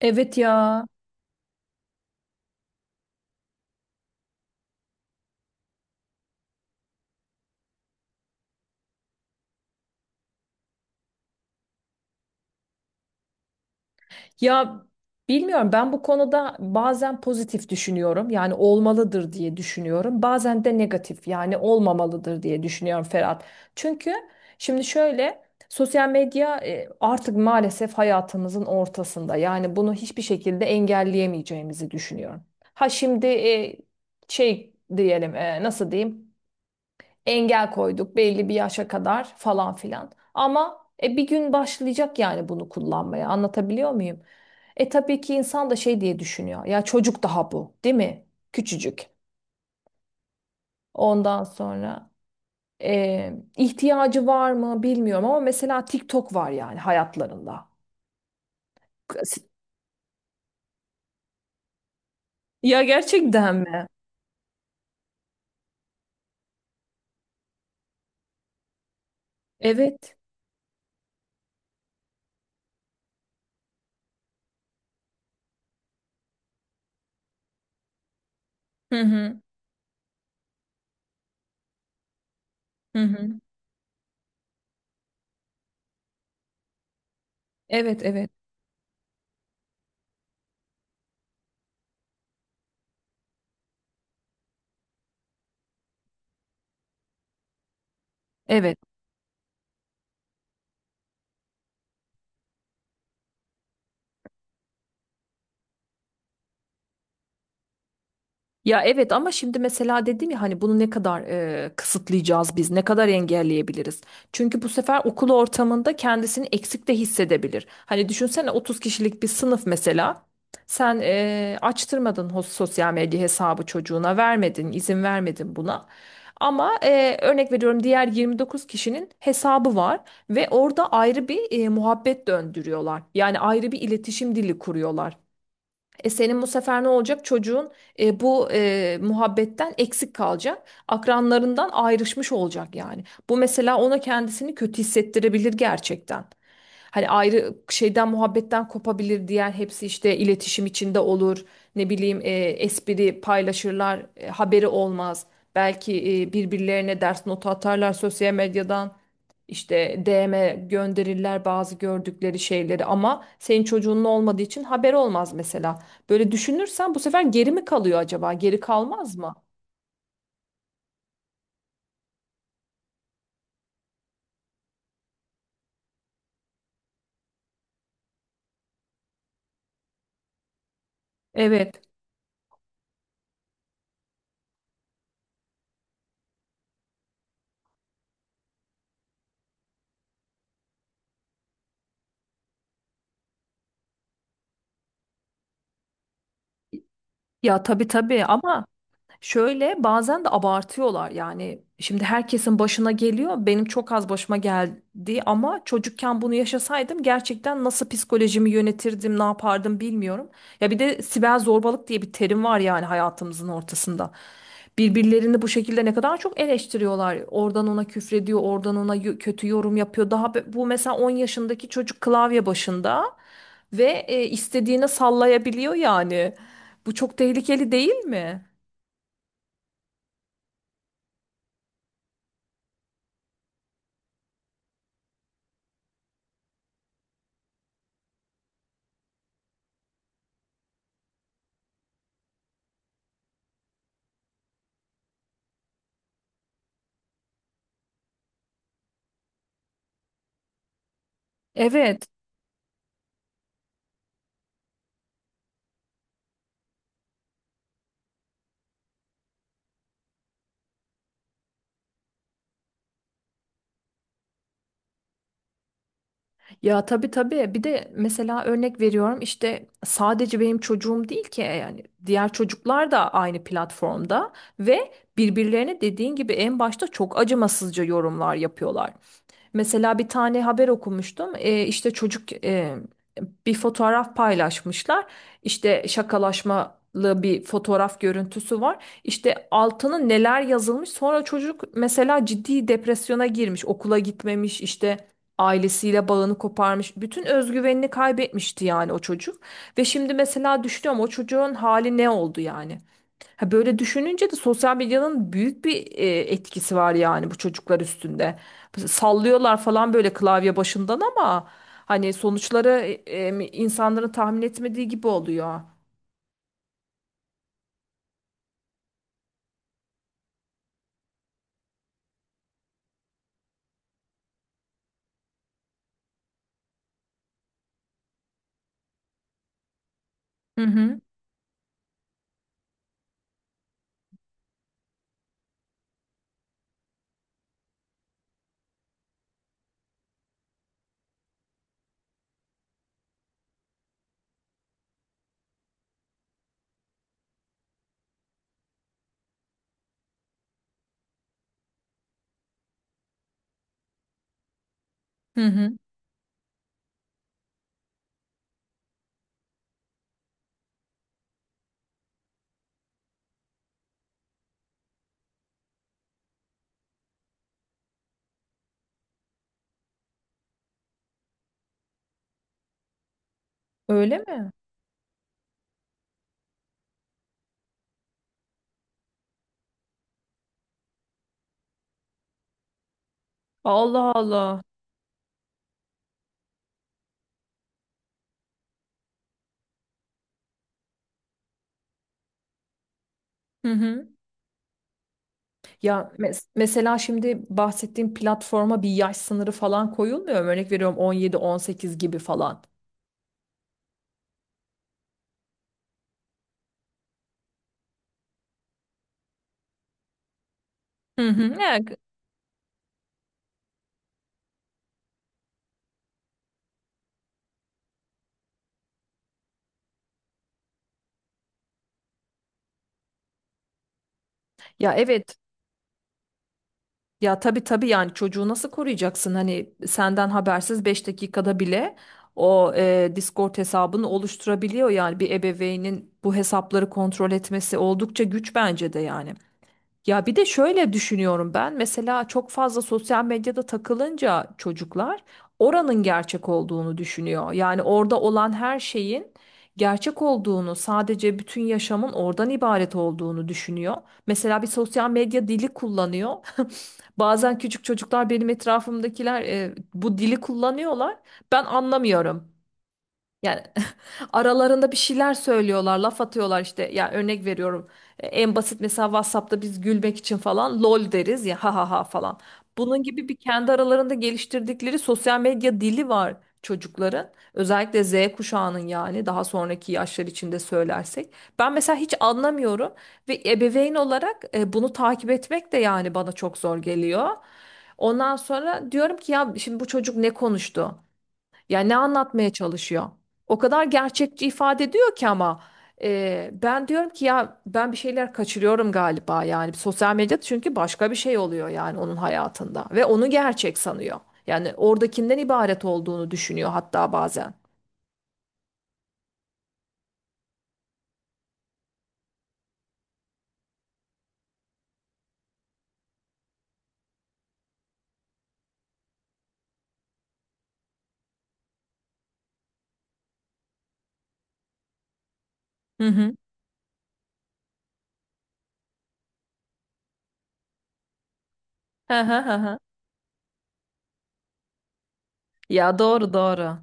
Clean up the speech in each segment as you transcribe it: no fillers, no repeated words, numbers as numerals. Evet ya. Ya bilmiyorum, ben bu konuda bazen pozitif düşünüyorum. Yani olmalıdır diye düşünüyorum. Bazen de negatif, yani olmamalıdır diye düşünüyorum Ferhat. Çünkü şimdi şöyle, sosyal medya artık maalesef hayatımızın ortasında. Yani bunu hiçbir şekilde engelleyemeyeceğimizi düşünüyorum. Ha şimdi şey diyelim, nasıl diyeyim? Engel koyduk belli bir yaşa kadar falan filan. Ama bir gün başlayacak yani bunu kullanmaya. Anlatabiliyor muyum? Tabii ki insan da şey diye düşünüyor. Ya çocuk daha bu, değil mi? Küçücük. Ondan sonra ihtiyacı var mı bilmiyorum, ama mesela TikTok var yani hayatlarında. Ya gerçekten mi? Evet. Hı hı. Hı hı. Evet, evet. Evet. Ya evet, ama şimdi mesela dedim ya, hani bunu ne kadar kısıtlayacağız biz, ne kadar engelleyebiliriz? Çünkü bu sefer okul ortamında kendisini eksik de hissedebilir. Hani düşünsene, 30 kişilik bir sınıf mesela. Sen açtırmadın sosyal medya hesabı çocuğuna, vermedin, izin vermedin buna. Ama örnek veriyorum, diğer 29 kişinin hesabı var ve orada ayrı bir muhabbet döndürüyorlar. Yani ayrı bir iletişim dili kuruyorlar. E senin bu sefer ne olacak? Çocuğun bu muhabbetten eksik kalacak. Akranlarından ayrışmış olacak yani. Bu mesela ona kendisini kötü hissettirebilir gerçekten. Hani ayrı şeyden, muhabbetten kopabilir. Diğer hepsi işte iletişim içinde olur. Ne bileyim, espri paylaşırlar. Haberi olmaz. Belki birbirlerine ders notu atarlar sosyal medyadan. İşte DM gönderirler bazı gördükleri şeyleri, ama senin çocuğunun olmadığı için haber olmaz mesela. Böyle düşünürsen bu sefer geri mi kalıyor acaba? Geri kalmaz mı? Evet. Ya tabii tabii, ama şöyle, bazen de abartıyorlar. Yani şimdi herkesin başına geliyor, benim çok az başıma geldi, ama çocukken bunu yaşasaydım, gerçekten nasıl psikolojimi yönetirdim, ne yapardım bilmiyorum. Ya bir de siber zorbalık diye bir terim var yani hayatımızın ortasında. Birbirlerini bu şekilde ne kadar çok eleştiriyorlar. Oradan ona küfrediyor, oradan ona kötü yorum yapıyor. Bu mesela 10 yaşındaki çocuk klavye başında ve istediğine sallayabiliyor yani. Bu çok tehlikeli değil mi? Evet, ya tabii tabii. Bir de mesela örnek veriyorum, işte sadece benim çocuğum değil ki yani diğer çocuklar da aynı platformda ve birbirlerine, dediğin gibi, en başta çok acımasızca yorumlar yapıyorlar. Mesela bir tane haber okumuştum. İşte çocuk, bir fotoğraf paylaşmışlar. İşte şakalaşmalı bir fotoğraf görüntüsü var. İşte altına neler yazılmış. Sonra çocuk mesela ciddi depresyona girmiş. Okula gitmemiş, işte ailesiyle bağını koparmış. Bütün özgüvenini kaybetmişti yani o çocuk. Ve şimdi mesela düşünüyorum, o çocuğun hali ne oldu yani? Ha, böyle düşününce de sosyal medyanın büyük bir etkisi var yani bu çocuklar üstünde. Sallıyorlar falan böyle klavye başından, ama hani sonuçları insanların tahmin etmediği gibi oluyor. Hı hı. Hı hı. Öyle mi? Allah Allah. Hı hı. Ya mesela, şimdi bahsettiğim platforma bir yaş sınırı falan koyulmuyor mu? Örnek veriyorum, 17-18 gibi falan. Hı hı. Ya evet. Ya tabii tabii, yani çocuğu nasıl koruyacaksın? Hani senden habersiz 5 dakikada bile o Discord hesabını oluşturabiliyor yani. Bir ebeveynin bu hesapları kontrol etmesi oldukça güç bence de yani. Ya bir de şöyle düşünüyorum ben. Mesela çok fazla sosyal medyada takılınca çocuklar oranın gerçek olduğunu düşünüyor. Yani orada olan her şeyin gerçek olduğunu, sadece bütün yaşamın oradan ibaret olduğunu düşünüyor. Mesela bir sosyal medya dili kullanıyor. Bazen küçük çocuklar, benim etrafımdakiler, bu dili kullanıyorlar. Ben anlamıyorum. Yani aralarında bir şeyler söylüyorlar, laf atıyorlar işte. Ya örnek veriyorum. En basit, mesela WhatsApp'ta biz gülmek için falan lol deriz ya, ha ha ha falan. Bunun gibi bir kendi aralarında geliştirdikleri sosyal medya dili var çocukların. Özellikle Z kuşağının, yani daha sonraki yaşlar içinde söylersek. Ben mesela hiç anlamıyorum ve ebeveyn olarak bunu takip etmek de yani bana çok zor geliyor. Ondan sonra diyorum ki, ya şimdi bu çocuk ne konuştu? Ya ne anlatmaya çalışıyor? O kadar gerçekçi ifade ediyor ki, ama ben diyorum ki, ya ben bir şeyler kaçırıyorum galiba yani sosyal medyada, çünkü başka bir şey oluyor yani onun hayatında ve onu gerçek sanıyor. Yani oradakinden ibaret olduğunu düşünüyor hatta bazen. Hı hı. Hı hı hı hı. Ya doğru doğru.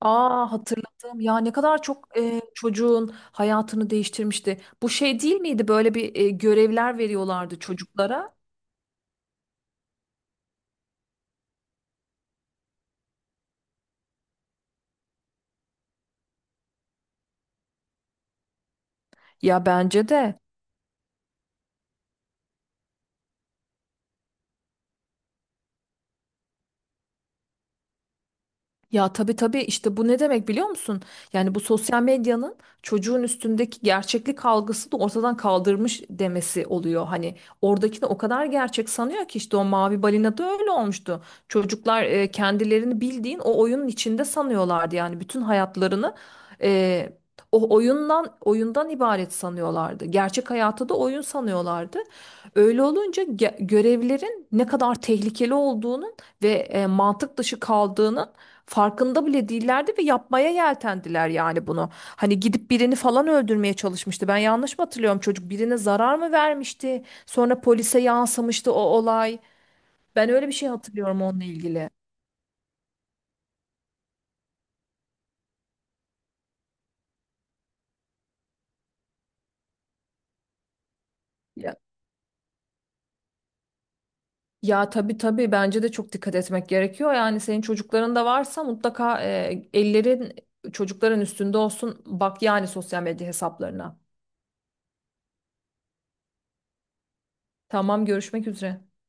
Aa, hatırladım. Ya ne kadar çok çocuğun hayatını değiştirmişti. Bu şey değil miydi? Böyle bir görevler veriyorlardı çocuklara. Ya bence de. Ya tabii tabii, işte bu ne demek biliyor musun? Yani bu sosyal medyanın çocuğun üstündeki gerçeklik algısı da ortadan kaldırmış demesi oluyor. Hani oradakini o kadar gerçek sanıyor ki, işte o mavi balina da öyle olmuştu. Çocuklar kendilerini bildiğin o oyunun içinde sanıyorlardı. Yani bütün hayatlarını e, o oyundan ibaret sanıyorlardı. Gerçek hayatı da oyun sanıyorlardı. Öyle olunca görevlerin ne kadar tehlikeli olduğunun ve mantık dışı kaldığının farkında bile değillerdi ve yapmaya yeltendiler yani bunu. Hani gidip birini falan öldürmeye çalışmıştı. Ben yanlış mı hatırlıyorum? Çocuk birine zarar mı vermişti? Sonra polise yansımıştı o olay. Ben öyle bir şey hatırlıyorum onunla ilgili. Ya, ya tabii tabii, bence de çok dikkat etmek gerekiyor. Yani senin çocukların da varsa mutlaka ellerin çocukların üstünde olsun. Bak, yani sosyal medya hesaplarına. Tamam, görüşmek üzere.